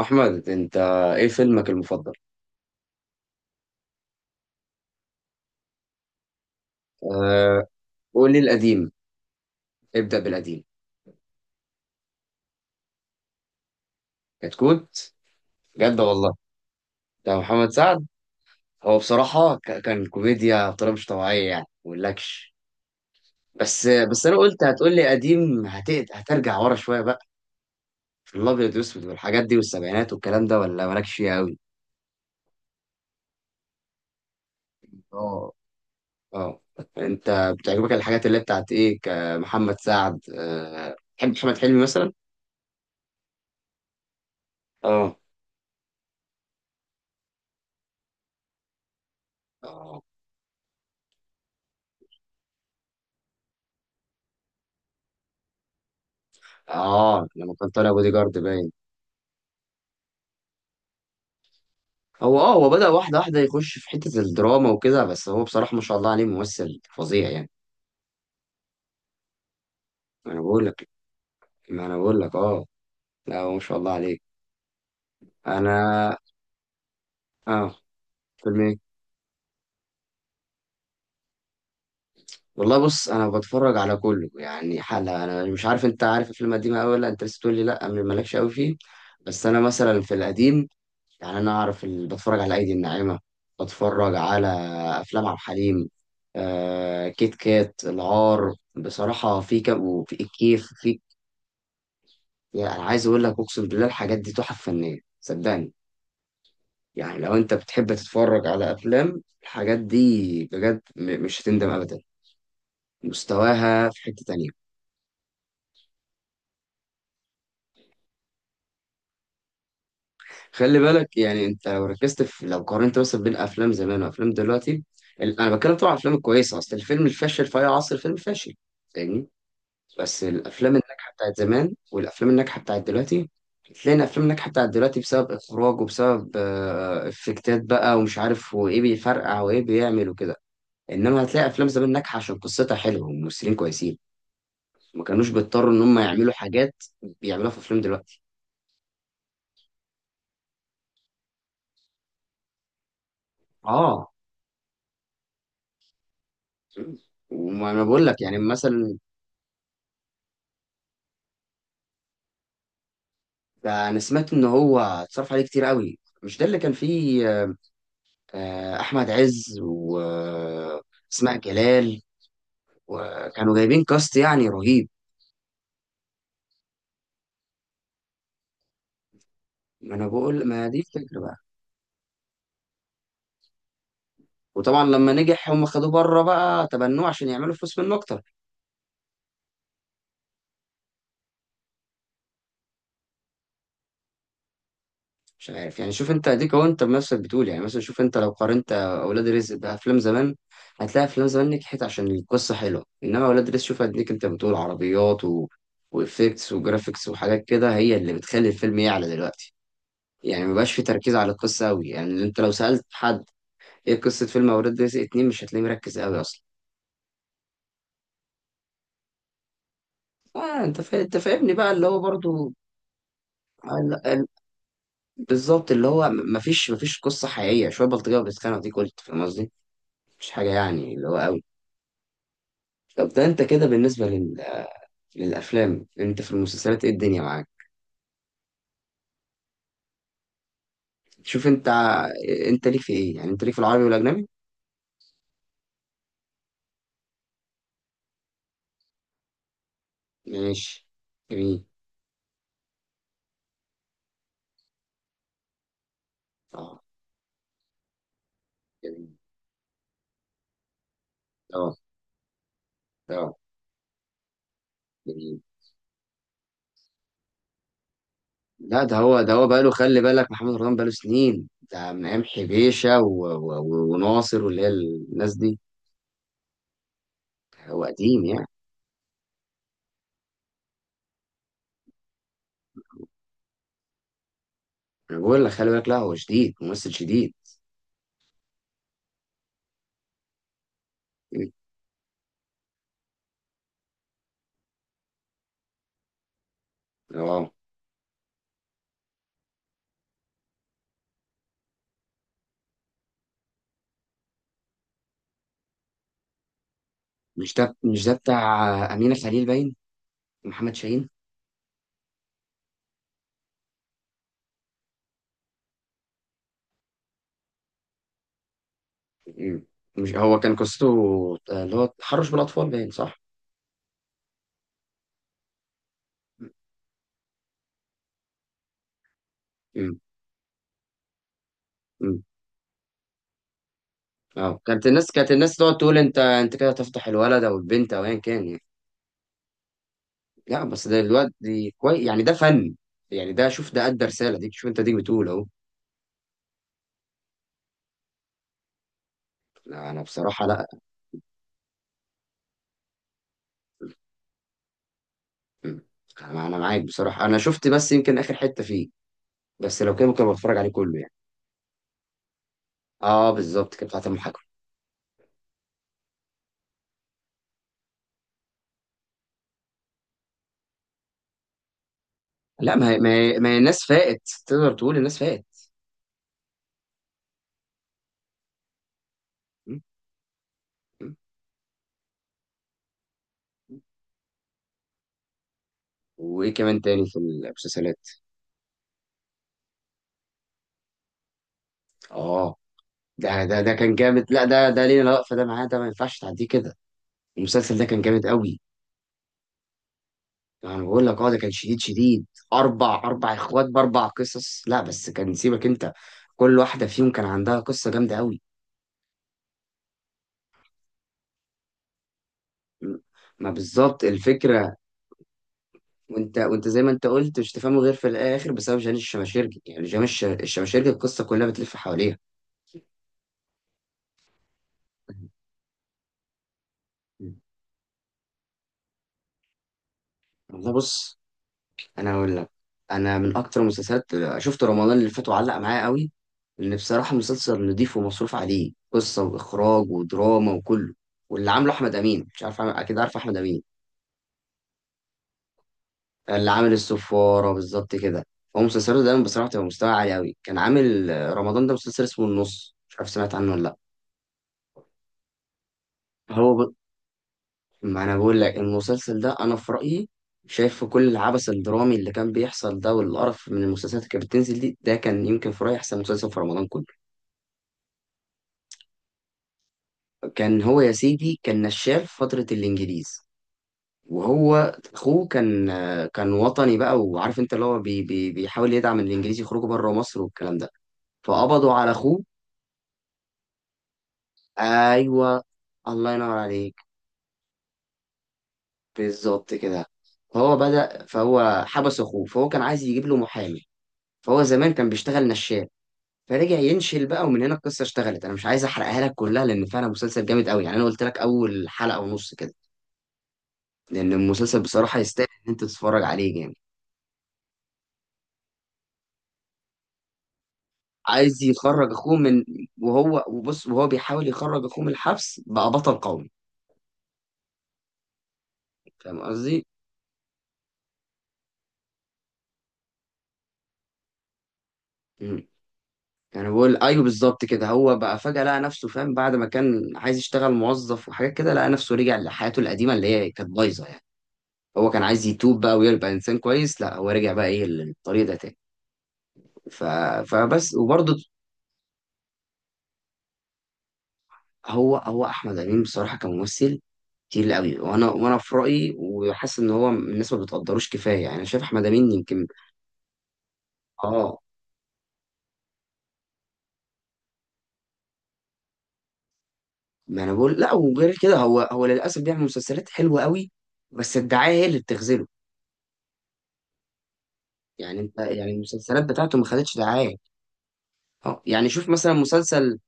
أحمد أنت إيه فيلمك المفضل؟ أه، قول لي القديم. ابدأ بالقديم. كتكوت، بجد والله. ده محمد سعد. هو بصراحة كان كوميديا بطريقة مش طبيعية يعني ما أقولكش. بس أنا قلت هتقول لي قديم، هترجع ورا شوية بقى. في الأبيض والأسود والحاجات دي والسبعينات والكلام ده ولا مالكش فيها أوي؟ أه، أه. أنت بتعجبك الحاجات اللي بتاعت إيه كمحمد سعد، أه تحب محمد حلمي مثلا؟ أه، أه. آه، لما كان طالع بودي جارد باين. هو بدأ واحدة واحدة يخش في حتة الدراما وكده، بس هو بصراحة ما شاء الله عليه ممثل فظيع يعني. ما انا بقول لك ما انا بقول لك اه. لا هو ما شاء الله عليه. انا اه فيلم ايه. والله بص، انا بتفرج على كله يعني حلقة. انا مش عارف انت عارف الفيلم القديم قوي ولا انت لسه تقول لي لا، مالكش قوي فيه. بس انا مثلا في القديم، يعني انا اعرف بتفرج على ايدي الناعمة، بتفرج على افلام عبد الحليم، آه، كيت كات، العار. بصراحة في كم وفي الكيف. في يعني أنا عايز أقول لك، أقسم بالله الحاجات دي تحف فنية صدقني. يعني لو أنت بتحب تتفرج على أفلام، الحاجات دي بجد مش هتندم أبدا. مستواها في حتة تانية. خلي بالك، يعني أنت لو ركزت في لو قارنت مثلا بين أفلام زمان وأفلام دلوقتي. أنا بتكلم طبعا عن الأفلام الكويسة. أصل الفيلم الفاشل في أي عصر فيلم فاشل، فاهمني؟ بس الأفلام الناجحة بتاعت زمان والأفلام الناجحة بتاعت دلوقتي، تلاقي الافلام الناجحه بتاعت دلوقتي بسبب اخراج وبسبب افكتات بقى ومش عارف وايه بيفرقع وايه بيعمل وكده. انما هتلاقي افلام زمان ناجحه عشان قصتها حلوه وممثلين كويسين، ما كانوش بيضطروا ان هم يعملوا حاجات بيعملوها في افلام دلوقتي. اه، وما انا بقول لك يعني مثلا، ده انا سمعت ان هو اتصرف عليه كتير قوي. مش ده اللي كان فيه احمد عز واسماء جلال؟ وكانوا جايبين كاست يعني رهيب. ما انا بقول، ما دي الفكره بقى. وطبعا لما نجح هم خدوه بره بقى، تبنوه عشان يعملوا فلوس منه اكتر. مش عارف يعني، شوف انت اديك اهو، انت بنفسك بتقول يعني مثلا، شوف انت لو قارنت اولاد رزق بافلام زمان، هتلاقي افلام زمان نجحت عشان القصه حلوه، انما اولاد رزق شوف اديك انت بتقول عربيات وافكتس وجرافيكس وحاجات كده هي اللي بتخلي الفيلم يعلى دلوقتي. يعني مبقاش في تركيز على القصه قوي. يعني انت لو سالت حد ايه قصه فيلم اولاد رزق اتنين، مش هتلاقيه مركز قوي اصلا. اه، انت انت فاهمني بقى، اللي هو برضو آه، ال- ال- بالظبط، اللي هو مفيش قصه حقيقيه، شويه بلطجيه وبيتخانقوا دي. قلت فاهم قصدي؟ مش حاجه يعني اللي هو. طب ده انت كده بالنسبة للأفلام، انت في المسلسلات ايه الدنيا معاك؟ شوف انت انت ليك في ايه؟ يعني انت ليك في العربي والأجنبي؟ ماشي، جميل. اه، جميل. اه، اه، جميل. لا، ده هو بقاله، خلي بالك، محمد رمضان بقاله سنين، ده من أيام حبيشة وناصر واللي هي الناس دي. هو قديم يعني. أنا بقول لك، خلي بالك، لا هو شديد، ممثل شديد. اه، مش ده بتاع أمينة خليل باين، محمد شاهين. مم. مش هو كان قصته اللي هو تحرش بالاطفال باين، صح؟ مم. مم. اه، كانت الناس، كانت الناس تقعد تقول انت كده تفضح الولد او البنت او ايا كان يعني. لا بس ده دلوقتي كويس، يعني ده فن. يعني ده، شوف ده ادى رساله، ديك شوف انت ديك بتقول اهو. لا، انا بصراحه لا. مم. انا معاك بصراحه. انا شفت بس يمكن اخر حته فيه، بس لو كده ممكن أبقى اتفرج عليه كله يعني. اه، بالظبط كده، بتاعت المحاكمه. لا ما هي، ما هي الناس فاقت. تقدر تقول الناس فاقت. مم. مم. وايه كمان تاني في المسلسلات؟ اه، ده، ده كان جامد. لا ده، ليه لا، فده معاه، ده ما ينفعش تعديه كده. المسلسل ده كان جامد قوي. انا بقول لك اه، ده كان شديد شديد. اربع اخوات باربع قصص، لا بس كان سيبك انت، كل واحده فيهم كان عندها قصه جامده قوي. م- ما بالظبط الفكره. وانت زي ما انت قلت، مش تفهمه غير في الاخر بسبب جاني الشماشيرجي، يعني جاني الشماشيرجي، القصه كلها بتلف حواليها. والله بص، انا اقول لك، انا من اكتر المسلسلات شفت رمضان اللي فات وعلق معايا قوي، لان بصراحه مسلسل نضيف، ومصروف عليه قصه واخراج ودراما وكله، واللي عامله احمد امين. مش عارف اكيد عارف احمد امين، اللي عامل السفاره، بالظبط كده. هو مسلسله دايما بصراحه بتبقى مستوى عالي قوي. كان عامل رمضان ده مسلسل اسمه النص، مش عارف سمعت عنه ولا لا. هو ب... ما انا بقول لك المسلسل ده انا في رايي شايف، في كل العبث الدرامي اللي كان بيحصل ده والقرف من المسلسلات اللي كانت بتنزل دي، ده كان يمكن في رايي احسن مسلسل في رمضان كله. كان هو يا سيدي كان نشال في فترة الإنجليز، وهو أخوه كان، كان وطني بقى، وعارف أنت اللي هو بي بيحاول يدعم الإنجليز يخرجوا بره مصر والكلام ده، فقبضوا على أخوه. أيوه، الله ينور عليك، بالظبط كده. فهو بدأ، فهو حبس أخوه، فهو كان عايز يجيب له محامي، فهو زمان كان بيشتغل نشال، فرجع ينشل بقى، ومن هنا القصة اشتغلت. أنا مش عايز أحرقها لك كلها، لأن فعلا مسلسل جامد قوي يعني. أنا قلت لك أول حلقة ونص كده، لأن المسلسل بصراحة يستاهل إن أنت تتفرج عليه جامد. عايز يخرج اخوه من، وهو بيحاول يخرج اخوه من الحبس، بقى بطل قومي. فاهم قصدي؟ مم. يعني بقول ايوه، بالظبط كده، هو بقى فجأة لقى نفسه، فاهم، بعد ما كان عايز يشتغل موظف وحاجات كده، لقى نفسه رجع لحياته القديمة اللي هي كانت بايظة يعني. هو كان عايز يتوب بقى ويبقى انسان كويس، لا هو رجع بقى ايه للطريق ده تاني. ف... فبس، وبرضه هو احمد امين بصراحة كممثل كتير قوي. وانا في رايي وحاسس ان هو الناس ما بتقدروش كفايه يعني. انا شايف احمد امين يمكن، اه، ما انا بقول، لا وغير كده هو للاسف بيعمل مسلسلات حلوه قوي، بس الدعايه هي اللي بتخذله. يعني انت، يعني المسلسلات بتاعته ما خدتش دعايه. اه، يعني شوف مثلا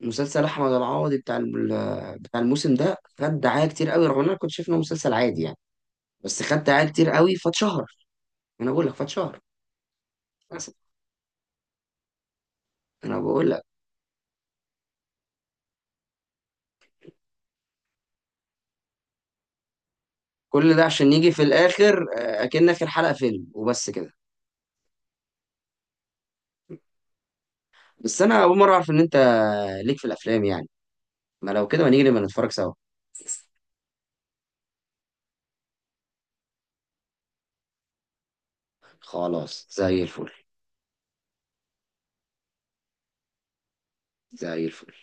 مسلسل احمد العوضي بتاع بتاع الموسم ده خد دعايه كتير قوي، رغم ان انا كنت شايف انه مسلسل عادي يعني، بس خد دعايه كتير قوي فاتشهر. انا بقول لك فاتشهر، للأسف. انا بقول لك، كل ده عشان يجي في الاخر اكن اخر حلقه فيلم وبس كده. بس انا اول مره اعرف ان انت ليك في الافلام يعني. ما لو كده، ما نيجي نبقى نتفرج سوا. خلاص، زي الفل. زي الفل.